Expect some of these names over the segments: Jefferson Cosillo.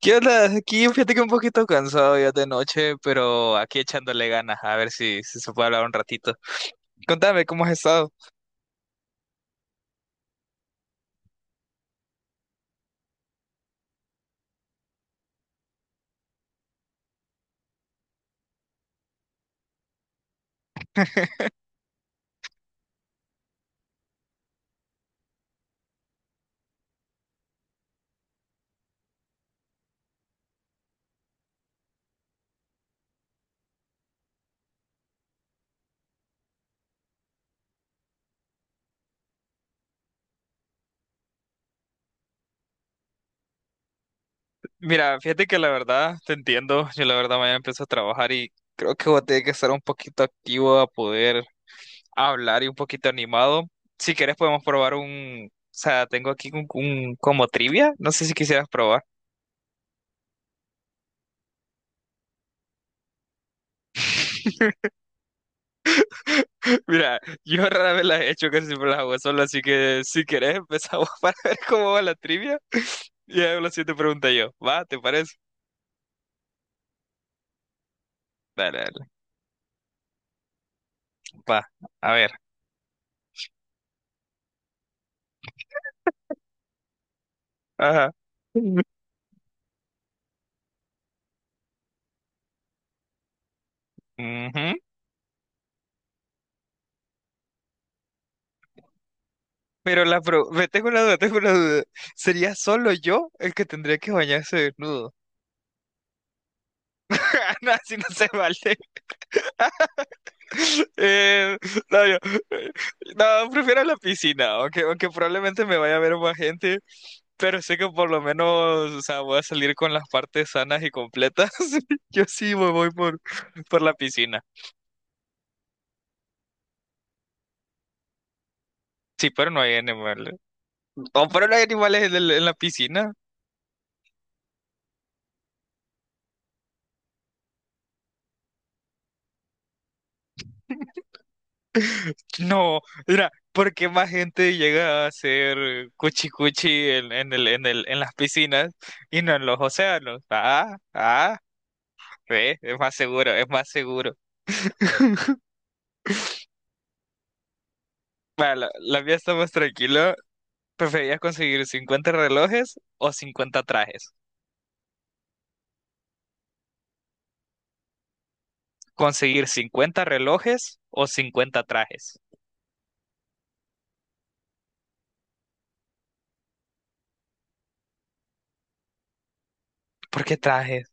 ¿Qué onda? Aquí fíjate que un poquito cansado ya de noche, pero aquí echándole ganas, a ver si se puede hablar un ratito. Contame, ¿cómo has estado? Mira, fíjate que la verdad, te entiendo, yo la verdad mañana empiezo a trabajar y creo que voy a tener que estar un poquito activo a poder hablar y un poquito animado. Si quieres podemos probar o sea, tengo aquí como trivia, no sé si quisieras probar. Mira, yo rara vez las he hecho, casi siempre las hago solo, así que si quieres empezamos para ver cómo va la trivia. Ya, la siguiente pregunta yo. ¿Va? ¿Te parece? Dale, dale. Va. A ver. Ajá. Ujú. Ve, tengo una duda, tengo una duda. ¿Sería solo yo el que tendría que bañarse desnudo? No, así no se vale. Eh, no, eh, no, prefiero la piscina, aunque probablemente me vaya a ver más gente, pero sé que por lo menos, o sea, voy a salir con las partes sanas y completas. Yo sí me voy por la piscina. Sí, pero no hay animal, no, pero los animales en la piscina. No, mira, ¿por qué más gente llega a hacer cuchi cuchi en las piscinas y no en los océanos? Ah, ah, ve, es más seguro, es más seguro. Bueno, la mía está más tranquila. ¿Preferías conseguir 50 relojes o 50 trajes? ¿Conseguir 50 relojes o 50 trajes? ¿Por qué trajes?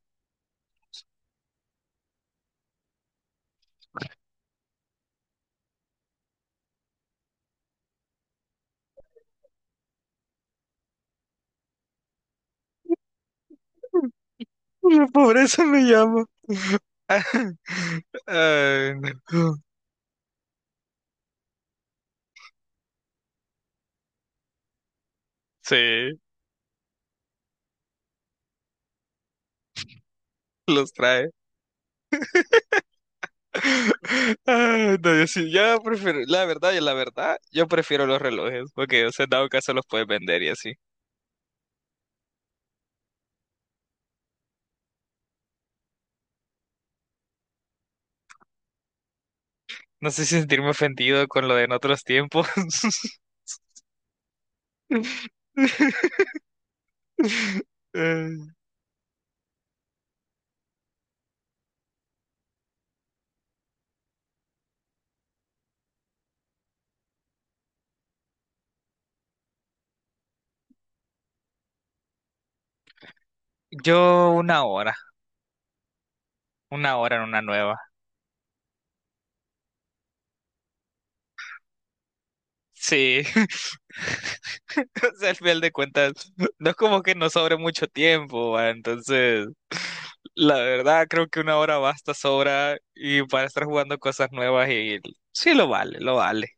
La pobreza me llama. Ay, no. Sí. Los trae. Ay, no, yo sí, yo prefiero, la verdad, y la verdad, yo prefiero los relojes, porque, o sea, en dado caso los puedes vender y así. No sé si sentirme ofendido con lo de en otros tiempos. Eh, yo una hora en una nueva. Sí. O sea, al final de cuentas, no es como que nos sobre mucho tiempo, ¿va? Entonces. La verdad, creo que una hora basta, sobra y para estar jugando cosas nuevas y sí lo vale, lo vale.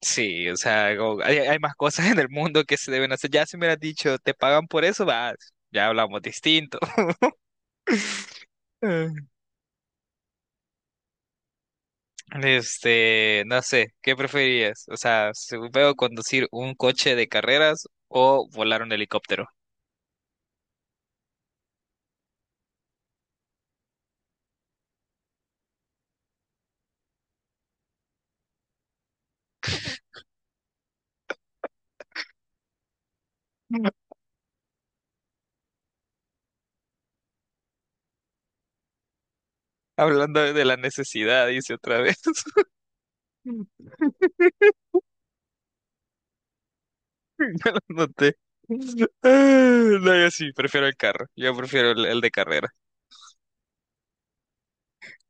Sí, o sea, como- hay más cosas en el mundo que se deben hacer. Ya si me hubieras dicho, te pagan por eso, va, ya hablamos distinto. Eh. Este, no sé, ¿qué preferirías? O sea, si veo conducir un coche de carreras o volar un helicóptero. Hablando de la necesidad, dice otra vez. No lo noté. Ah, no, yo sí prefiero el carro. Yo prefiero el de carrera.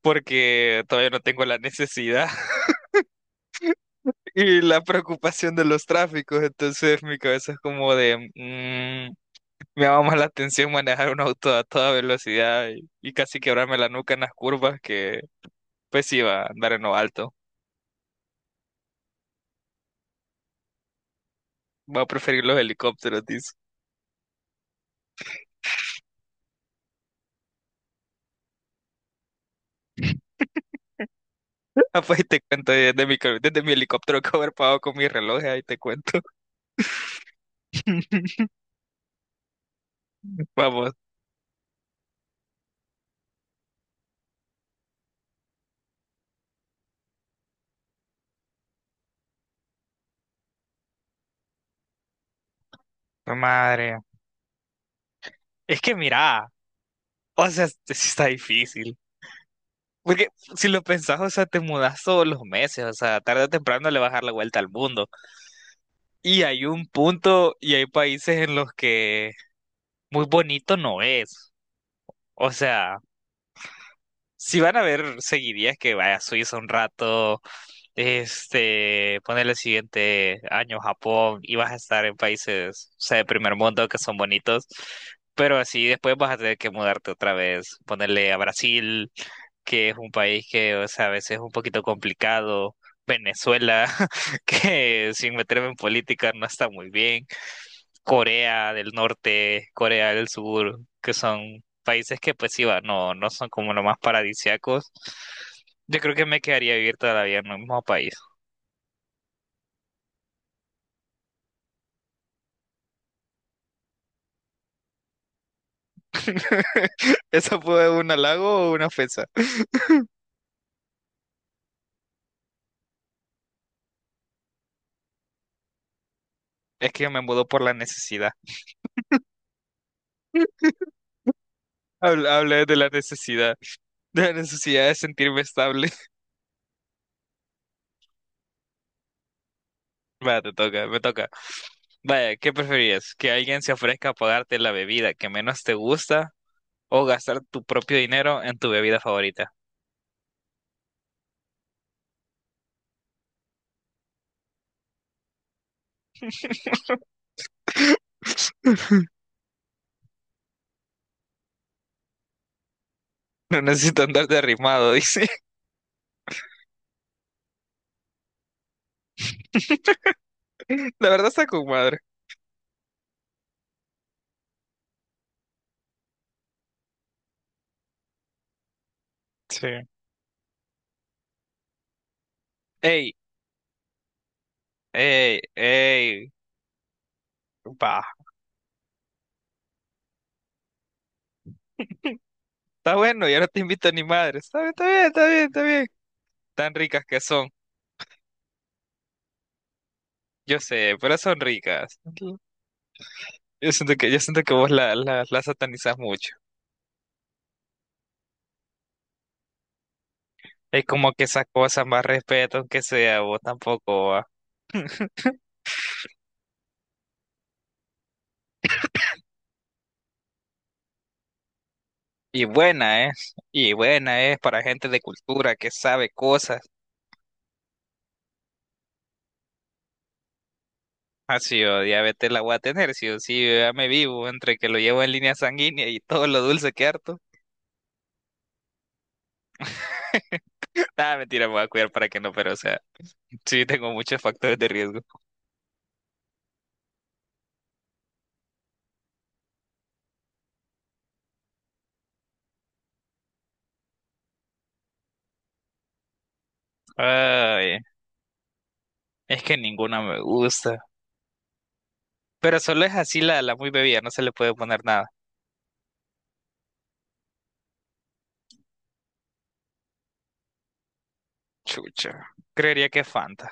Porque todavía no tengo la necesidad y la preocupación de los tráficos. Entonces mi cabeza es como de... me llama más la atención manejar un auto a toda velocidad y casi quebrarme la nuca en las curvas que pues iba a andar en lo alto. Voy a preferir los helicópteros, dice. Ah, pues ahí te cuento desde desde mi helicóptero que haber pagado con mi reloj, ahí te cuento. Vamos. Madre, es que mira, o sea, sí está difícil. Porque si lo pensás, o sea, te mudas todos los meses, o sea, tarde o temprano le vas a dar la vuelta al mundo. Y hay un punto y hay países en los que muy bonito no es. O sea, si van a ver seguirías que vaya a Suiza un rato, este, ponerle el siguiente año Japón y vas a estar en países, o sea, de primer mundo que son bonitos. Pero así después vas a tener que mudarte otra vez, ponerle a Brasil que es un país que, o sea, a veces es un poquito complicado. Venezuela, que sin meterme en política no está muy bien. Corea del Norte, Corea del Sur, que son países que pues sí, va, no, no son como los más paradisíacos. Yo creo que me quedaría vivir toda la vida en un mismo país. ¿Eso fue un halago o una ofensa? Es que yo me mudo por la necesidad. Hablé de la necesidad, de la necesidad de sentirme estable. Va, te toca, me toca. Vaya, ¿qué preferirías? ¿Que alguien se ofrezca a pagarte la bebida que menos te gusta o gastar tu propio dinero en tu bebida favorita? No necesito andar derrimado, dice. La verdad está con madre. Sí. Ey, ey, ey. Va. Está bueno, ya no te invito ni madre. Está bien, está bien, está bien, está bien. Tan ricas que son. Yo sé, pero son ricas. Yo siento que vos la satanizás mucho. Es como que esas cosas más respeto, aunque sea vos tampoco. Y buena es para gente de cultura que sabe cosas. Así yo diabetes la voy a tener, sí o sí, yo ya me vivo entre que lo llevo en línea sanguínea y todo lo dulce que harto. Nada, mentira, me voy a cuidar para que no, pero o sea, sí tengo muchos factores de riesgo. Ay, es que ninguna me gusta. Pero solo es así la muy bebida, no se le puede poner nada. Chucha, creería que Fanta,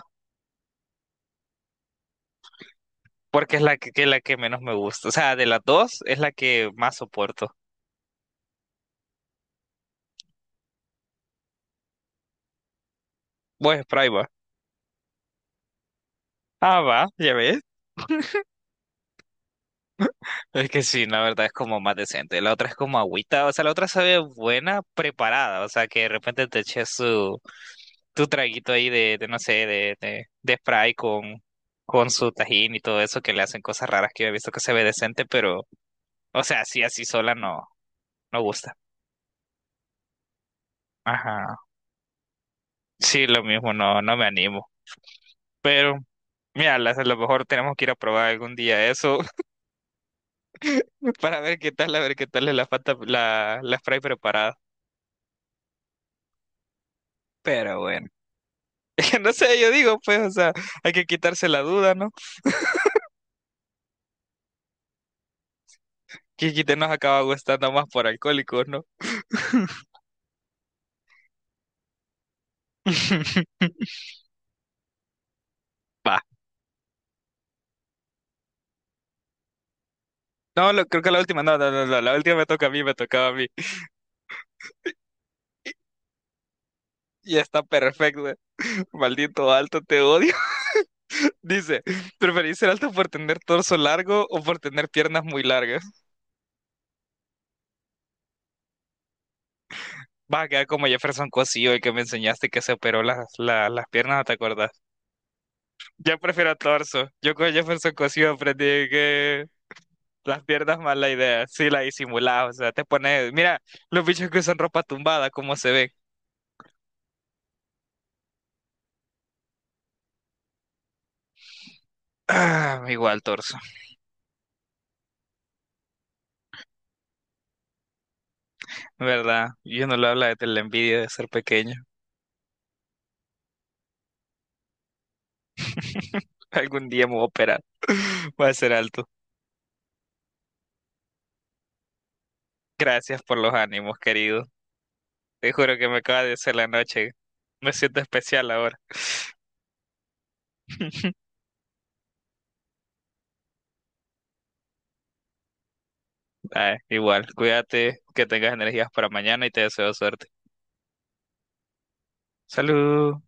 porque es la que la que menos me gusta. O sea, de las dos es la que más soporto. Pues, Sprite va. Ah, va, ya ves. Es que sí, la verdad es como más decente. La otra es como agüita, o sea, la otra sabe buena, preparada, o sea, que de repente te eches su, tu traguito ahí de no sé, de Sprite con su tajín y todo eso, que le hacen cosas raras que yo he visto que se ve decente, pero, o sea, así, así sola no, no gusta. Ajá. Sí, lo mismo, no, no me animo. Pero, mira, a lo mejor tenemos que ir a probar algún día eso para ver qué tal, a ver qué tal es la Sprite preparada. Pero bueno. No sé, yo digo, pues, o sea, hay que quitarse la duda, ¿no? Que quite nos acaba gustando más por alcohólicos, ¿no? Va. No, creo que la última, no, no, no, no, la última me toca a mí, me tocaba a mí. Y está perfecto. Maldito alto, te odio. Dice, ¿preferís ser alto por tener torso largo o por tener piernas muy largas? Va a quedar como Jefferson Cosillo, el que me enseñaste que se operó las piernas, ¿no te acordás? Yo prefiero torso. Yo con Jefferson Cosillo aprendí que las piernas mala idea, sí la disimulás, o sea, te pones, mira, los bichos que usan ropa tumbada, cómo se ven. Ah, igual torso, ¿verdad? Yo no lo habla de la envidia de ser pequeño. Algún día me voy a operar. Voy a ser alto. Gracias por los ánimos, querido. Te juro que me acaba de hacer la noche. Me siento especial ahora. Ay, igual, cuídate, que tengas energías para mañana y te deseo suerte. Salud.